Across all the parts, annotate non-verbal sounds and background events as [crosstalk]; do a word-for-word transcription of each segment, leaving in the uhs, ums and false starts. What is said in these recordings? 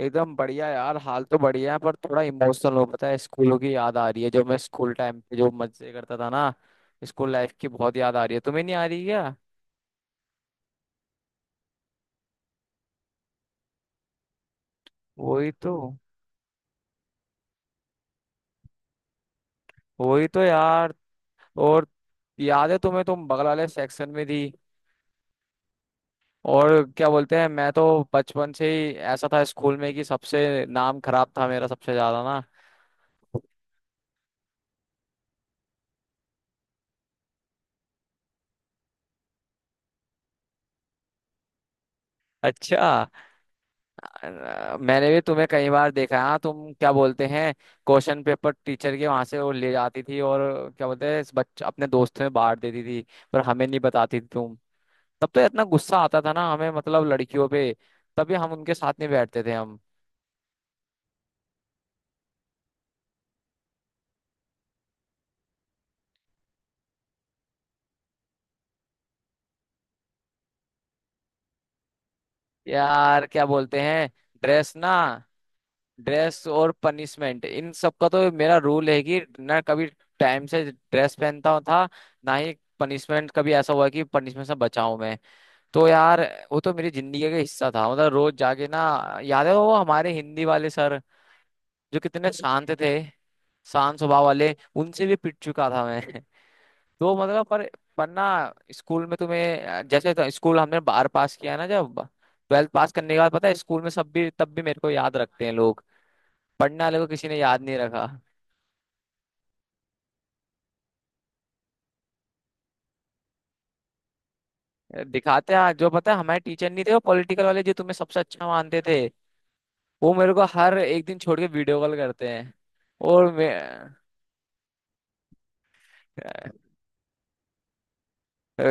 एकदम बढ़िया यार। हाल तो बढ़िया है पर थोड़ा इमोशनल हो। पता है, स्कूलों की याद आ रही है, जो मैं स्कूल टाइम पे जो मजे करता था ना। स्कूल लाइफ की बहुत याद आ रही है। तुम्हें नहीं आ रही क्या? वही तो। वही तो यार। और याद है तुम्हें, तुम बगल वाले सेक्शन में थी। और क्या बोलते हैं, मैं तो बचपन से ही ऐसा था स्कूल में कि सबसे नाम खराब था मेरा, सबसे ज्यादा ना। अच्छा। अ, मैंने भी तुम्हें कई बार देखा है। हाँ, तुम क्या बोलते हैं, क्वेश्चन पेपर टीचर के वहां से वो ले जाती थी, और क्या बोलते हैं, इस बच्चे अपने दोस्तों में बांट देती थी। पर हमें नहीं बताती थी तुम। तब तो इतना गुस्सा आता था ना हमें, मतलब लड़कियों पे। तभी हम उनके साथ नहीं बैठते थे हम। यार, क्या बोलते हैं, ड्रेस ना। ड्रेस और पनिशमेंट, इन सब का तो मेरा रूल है कि ना कभी टाइम से ड्रेस पहनता था, ना ही पनिशमेंट। कभी ऐसा हुआ कि पनिशमेंट से बचाऊं मैं? तो यार, वो तो मेरी जिंदगी का हिस्सा था, मतलब रोज जाके ना। याद है वो हमारे हिंदी वाले सर, जो कितने शांत थे, शांत स्वभाव वाले। उनसे भी पिट चुका था मैं। [laughs] तो मतलब, पर पर ना, स्कूल में तुम्हें जैसे, तो स्कूल हमने बार पास किया ना, जब ट्वेल्थ पास करने के बाद, पता है स्कूल में सब भी, तब भी मेरे को याद रखते हैं लोग। पढ़ने वाले को किसी ने याद नहीं रखा। दिखाते हैं, जो पता है हमारे टीचर नहीं थे वो पॉलिटिकल वाले, जो तुम्हें सबसे अच्छा मानते थे। वो मेरे को हर एक दिन छोड़ के वीडियो कॉल करते हैं। और मैं, अ,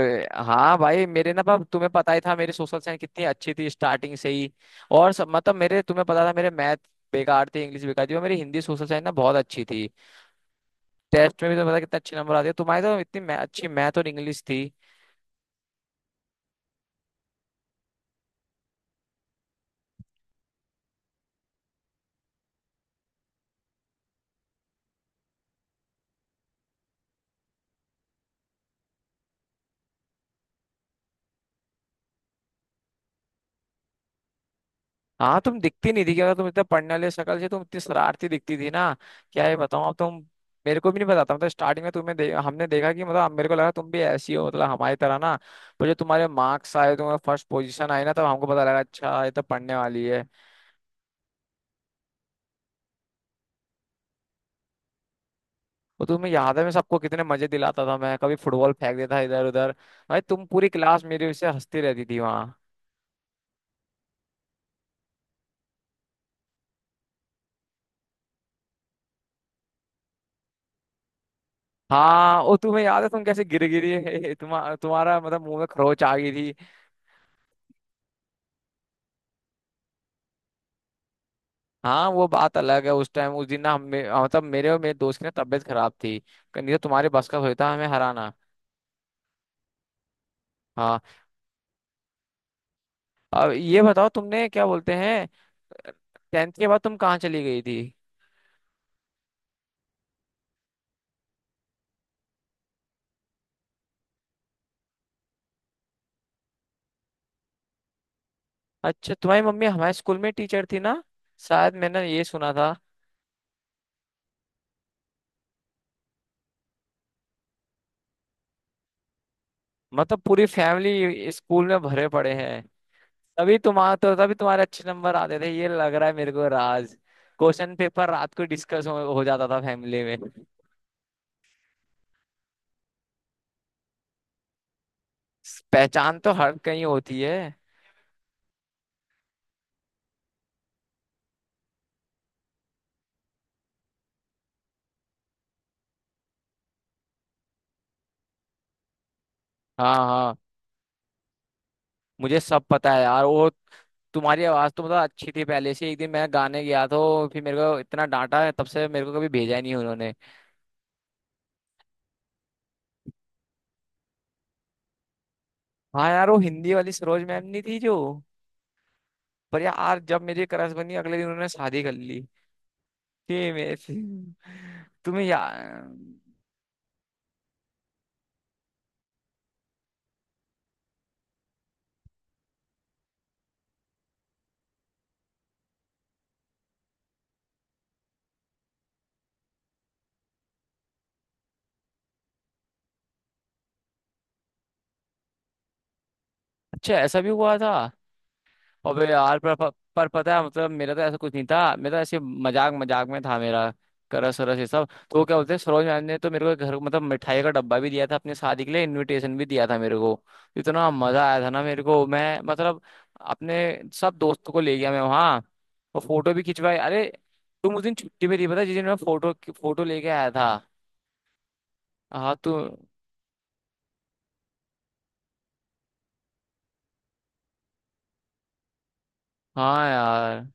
हाँ भाई, मेरे ना पाप, तुम्हें पता ही था मेरी सोशल साइंस कितनी अच्छी थी स्टार्टिंग से ही। और सब, मतलब मेरे, तुम्हें पता था मेरे मैथ बेकार थे, इंग्लिश बेकार थी, और मेरी हिंदी सोशल साइंस ना बहुत अच्छी थी। टेस्ट में भी तो पता कितने अच्छे नंबर आते हैं। तुम्हारी तो इतनी मै, अच्छी मैथ और इंग्लिश थी। हाँ, तुम दिखती नहीं थी कि अगर तुम इतना पढ़ने वाले, शक्ल से तुम इतनी शरारती दिखती थी ना, क्या ये बताऊँ अब तुम। मेरे को भी नहीं पता था, मतलब स्टार्टिंग में तुम्हें दे, हमने देखा कि मतलब, अब मेरे को लगा तुम भी ऐसी हो, मतलब हमारी तरह ना। पर जो तुम्हारे मार्क्स आए, तुम्हारे फर्स्ट पोजीशन आई ना, तब हमको पता लगा, अच्छा, ये तो पढ़ने वाली है। वो तुम्हें याद है, मैं सबको कितने मजे दिलाता था। मैं कभी फुटबॉल फेंक देता इधर उधर। भाई, तुम, पूरी क्लास मेरे से हंसती रहती थी वहाँ। हाँ, वो तुम्हें याद है तुम कैसे गिर गिरी, तुम्हारा तुम्हारा मतलब मुंह में खरोच आ गई थी। हाँ, वो बात अलग है। उस टाइम उस दिन ना हम, मतलब मेरे और मेरे दोस्त की ना तबीयत खराब थी। नहीं तो तुम्हारे बस का होता हमें हराना? हाँ। अब ये बताओ तुमने, क्या बोलते हैं, टेंथ के बाद तुम कहाँ चली गई थी? अच्छा, तुम्हारी मम्मी हमारे स्कूल में टीचर थी ना? शायद मैंने ये सुना था। मतलब पूरी फैमिली स्कूल में भरे पड़े हैं। तभी तुम्हारा तो, तभी तुम्हारे अच्छे नंबर आते थे, ये लग रहा है मेरे को राज। क्वेश्चन पेपर रात को डिस्कस हो, हो जाता था फैमिली में। पहचान तो हर कहीं होती है। हाँ, हाँ। मुझे सब पता है यार वो। तुम्हारी आवाज तो मतलब अच्छी थी पहले से। एक दिन मैं गाने गया तो फिर मेरे को इतना डांटा है, तब से मेरे को कभी भेजा ही नहीं उन्होंने। हाँ यार, वो हिंदी वाली सरोज मैम नहीं थी जो, पर यार, जब मेरी क्रश बनी, अगले दिन उन्होंने शादी कर ली। फिर तुम्हें यार। अच्छा, ऐसा भी हुआ था। अबे यार, पर, पर, पर पता है, मतलब मेरा तो ऐसा कुछ नहीं था, मेरा तो ऐसे मजाक मजाक में था मेरा। करस वरस ये सब तो, वो क्या बोलते हैं, सरोज मैम ने तो मेरे को एक घर, मतलब मिठाई का डब्बा भी दिया था, अपने शादी के लिए इनविटेशन भी दिया था मेरे को। इतना मजा आया था ना मेरे को, मैं मतलब अपने सब दोस्तों को ले गया मैं वहाँ, और फोटो भी खिंचवाई। अरे, तुम उस दिन छुट्टी में थी, पता है, जिस दिन मैं फोटो फोटो लेके आया था। हाँ तू। हाँ यार।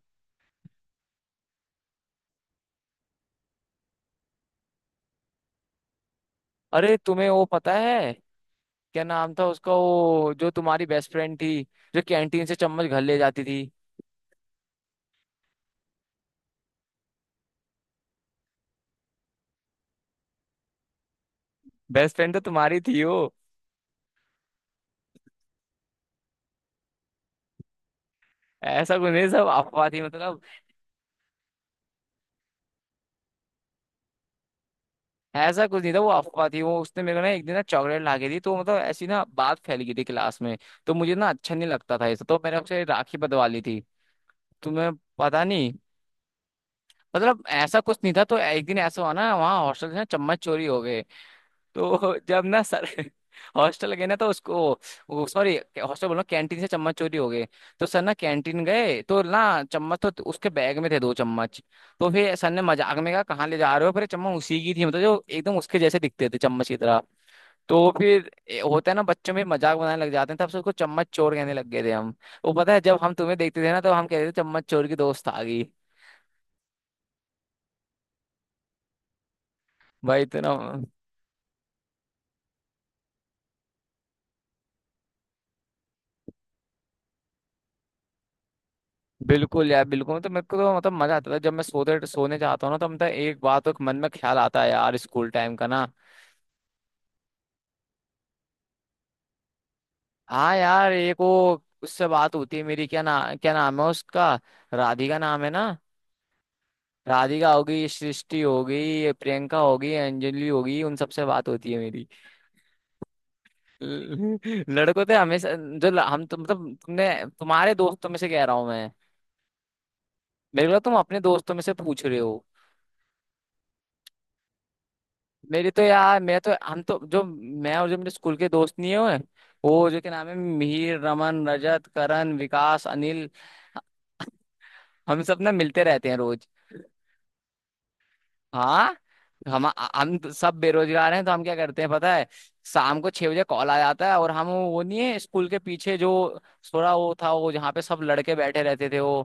अरे, तुम्हें वो पता है क्या नाम था उसका, वो जो तुम्हारी बेस्ट फ्रेंड थी, जो कैंटीन से चम्मच घर ले जाती थी? बेस्ट फ्रेंड तो तुम्हारी थी वो। ऐसा कुछ नहीं, सब अफवाह थी मतलब। ऐसा कुछ नहीं था, वो अफवाह थी। वो उसने मेरे को ना एक दिन ना चॉकलेट ला के दी, तो मतलब ऐसी ना बात फैल गई थी क्लास में। तो मुझे ना अच्छा नहीं लगता था ये सब, तो मैंने उससे राखी बंधवा ली थी। तुम्हें पता नहीं, मतलब ऐसा कुछ नहीं था। तो एक दिन ऐसा हुआ ना, वहाँ हॉस्टल से ना चम्मच चोरी हो गए। तो जब ना सर [laughs] हॉस्टल गए ना तो उसको, सॉरी, हॉस्टल बोल रहा हूँ, कैंटीन से चम्मच चोरी हो गए। तो सर ना कैंटीन गए तो ना, चम्मच तो उसके बैग में थे, दो चम्मच। तो फिर सर ने मजाक में कहा, कहाँ ले जा रहे हो? फिर चम्मच उसी की थी, मतलब जो एकदम उसके जैसे दिखते थे, चम्मच की तरह। तो फिर ए, होता है ना बच्चों में मजाक बनाने लग जाते हैं, तब से उसको चम्मच चोर कहने लग गए थे हम। वो पता है, जब हम तुम्हें देखते थे ना तो हम कहते थे, चम्मच चोर की दोस्त आ गई। भाई इतना। बिल्कुल यार, बिल्कुल। तो मेरे को तो मतलब मजा आता था, जब मैं सोते सोने जाता हूँ ना, तो मतलब एक बात तो मन में ख्याल आता है यार, स्कूल टाइम का ना। हाँ यार, एक वो उससे बात होती है मेरी, क्या ना, क्या नाम है उसका, राधिका नाम है ना। राधिका होगी, सृष्टि होगी, प्रियंका होगी, अंजलि होगी, उन सबसे बात होती है मेरी। [laughs] लड़कों तो हमेशा, जो ल- हम तुम मतलब तुमने, तुम्हारे दोस्तों में से कह रहा हूँ मैं। मेरे को लगा तुम अपने दोस्तों में से पूछ रहे। मेरी तो यार, मैं तो हम तो, जो मैं और जो मेरे स्कूल के दोस्त नहीं हुए, वो जो के नाम है मिहिर, रमन, रजत, करण, विकास, अनिल, हम सब ना मिलते रहते हैं रोज। हाँ। हम हम तो सब बेरोजगार हैं, तो हम क्या करते हैं पता है, शाम को छह बजे कॉल आ जाता है, और हम, वो नहीं है स्कूल के पीछे जो थोड़ा वो था, वो जहाँ पे सब लड़के बैठे रहते थे वो,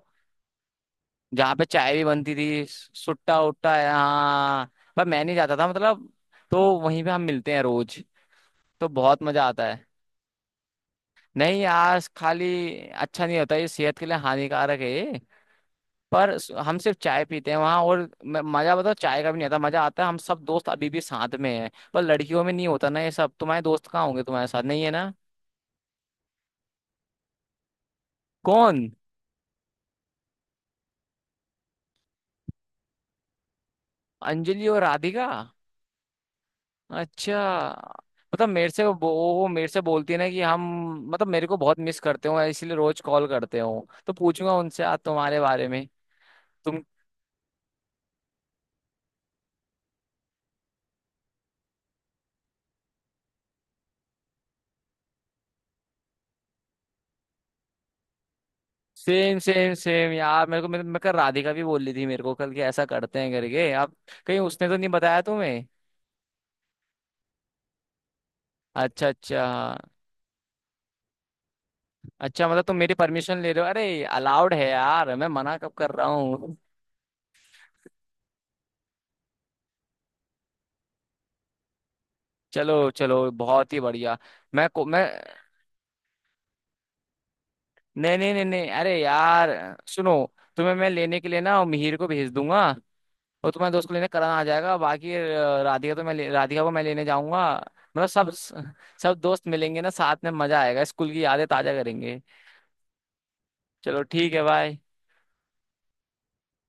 जहाँ पे चाय भी बनती थी, सुट्टा उट्टा। हाँ। पर मैं नहीं जाता था मतलब। तो वहीं पे हम मिलते हैं रोज, तो बहुत मजा आता है। नहीं यार, खाली। अच्छा नहीं होता ये, सेहत के लिए हानिकारक है ये। पर स- हम सिर्फ चाय पीते हैं वहाँ, और म- मजा बताओ, चाय का भी नहीं आता मजा। आता है हम सब दोस्त अभी भी साथ में हैं, पर लड़कियों में नहीं होता ना ये सब। तुम्हारे दोस्त कहाँ होंगे, तुम्हारे साथ नहीं है ना? कौन? अंजलि और राधिका? अच्छा, मतलब मेरे से वो वो मेरे से बोलती है ना कि हम, मतलब मेरे को बहुत मिस करते हो इसलिए रोज कॉल करते हो। तो पूछूंगा उनसे आज तुम्हारे बारे में तुम। सेम सेम सेम यार, मेरे को मेरे, मेरे कल राधिका भी बोल रही थी मेरे को कल कि ऐसा करते हैं, करके आप। कहीं उसने तो नहीं बताया तुम्हें? अच्छा, अच्छा। अच्छा, मतलब तुम मेरी परमिशन ले रहे हो? अरे अलाउड है यार, मैं मना कब कर रहा हूँ। चलो चलो बहुत ही बढ़िया। मैं को मैं नहीं, नहीं, नहीं, नहीं, अरे यार, सुनो। तुम्हें मैं लेने के लिए ना मिहिर को भेज दूंगा, और तुम्हारे दोस्त को लेने करण आ जाएगा। बाकी अ, राधिका तो मैं ले- राधिका को मैं लेने जाऊंगा। मतलब सब सब दोस्त मिलेंगे ना साथ में, मजा आएगा, स्कूल की यादें ताजा करेंगे। चलो ठीक है, बाय।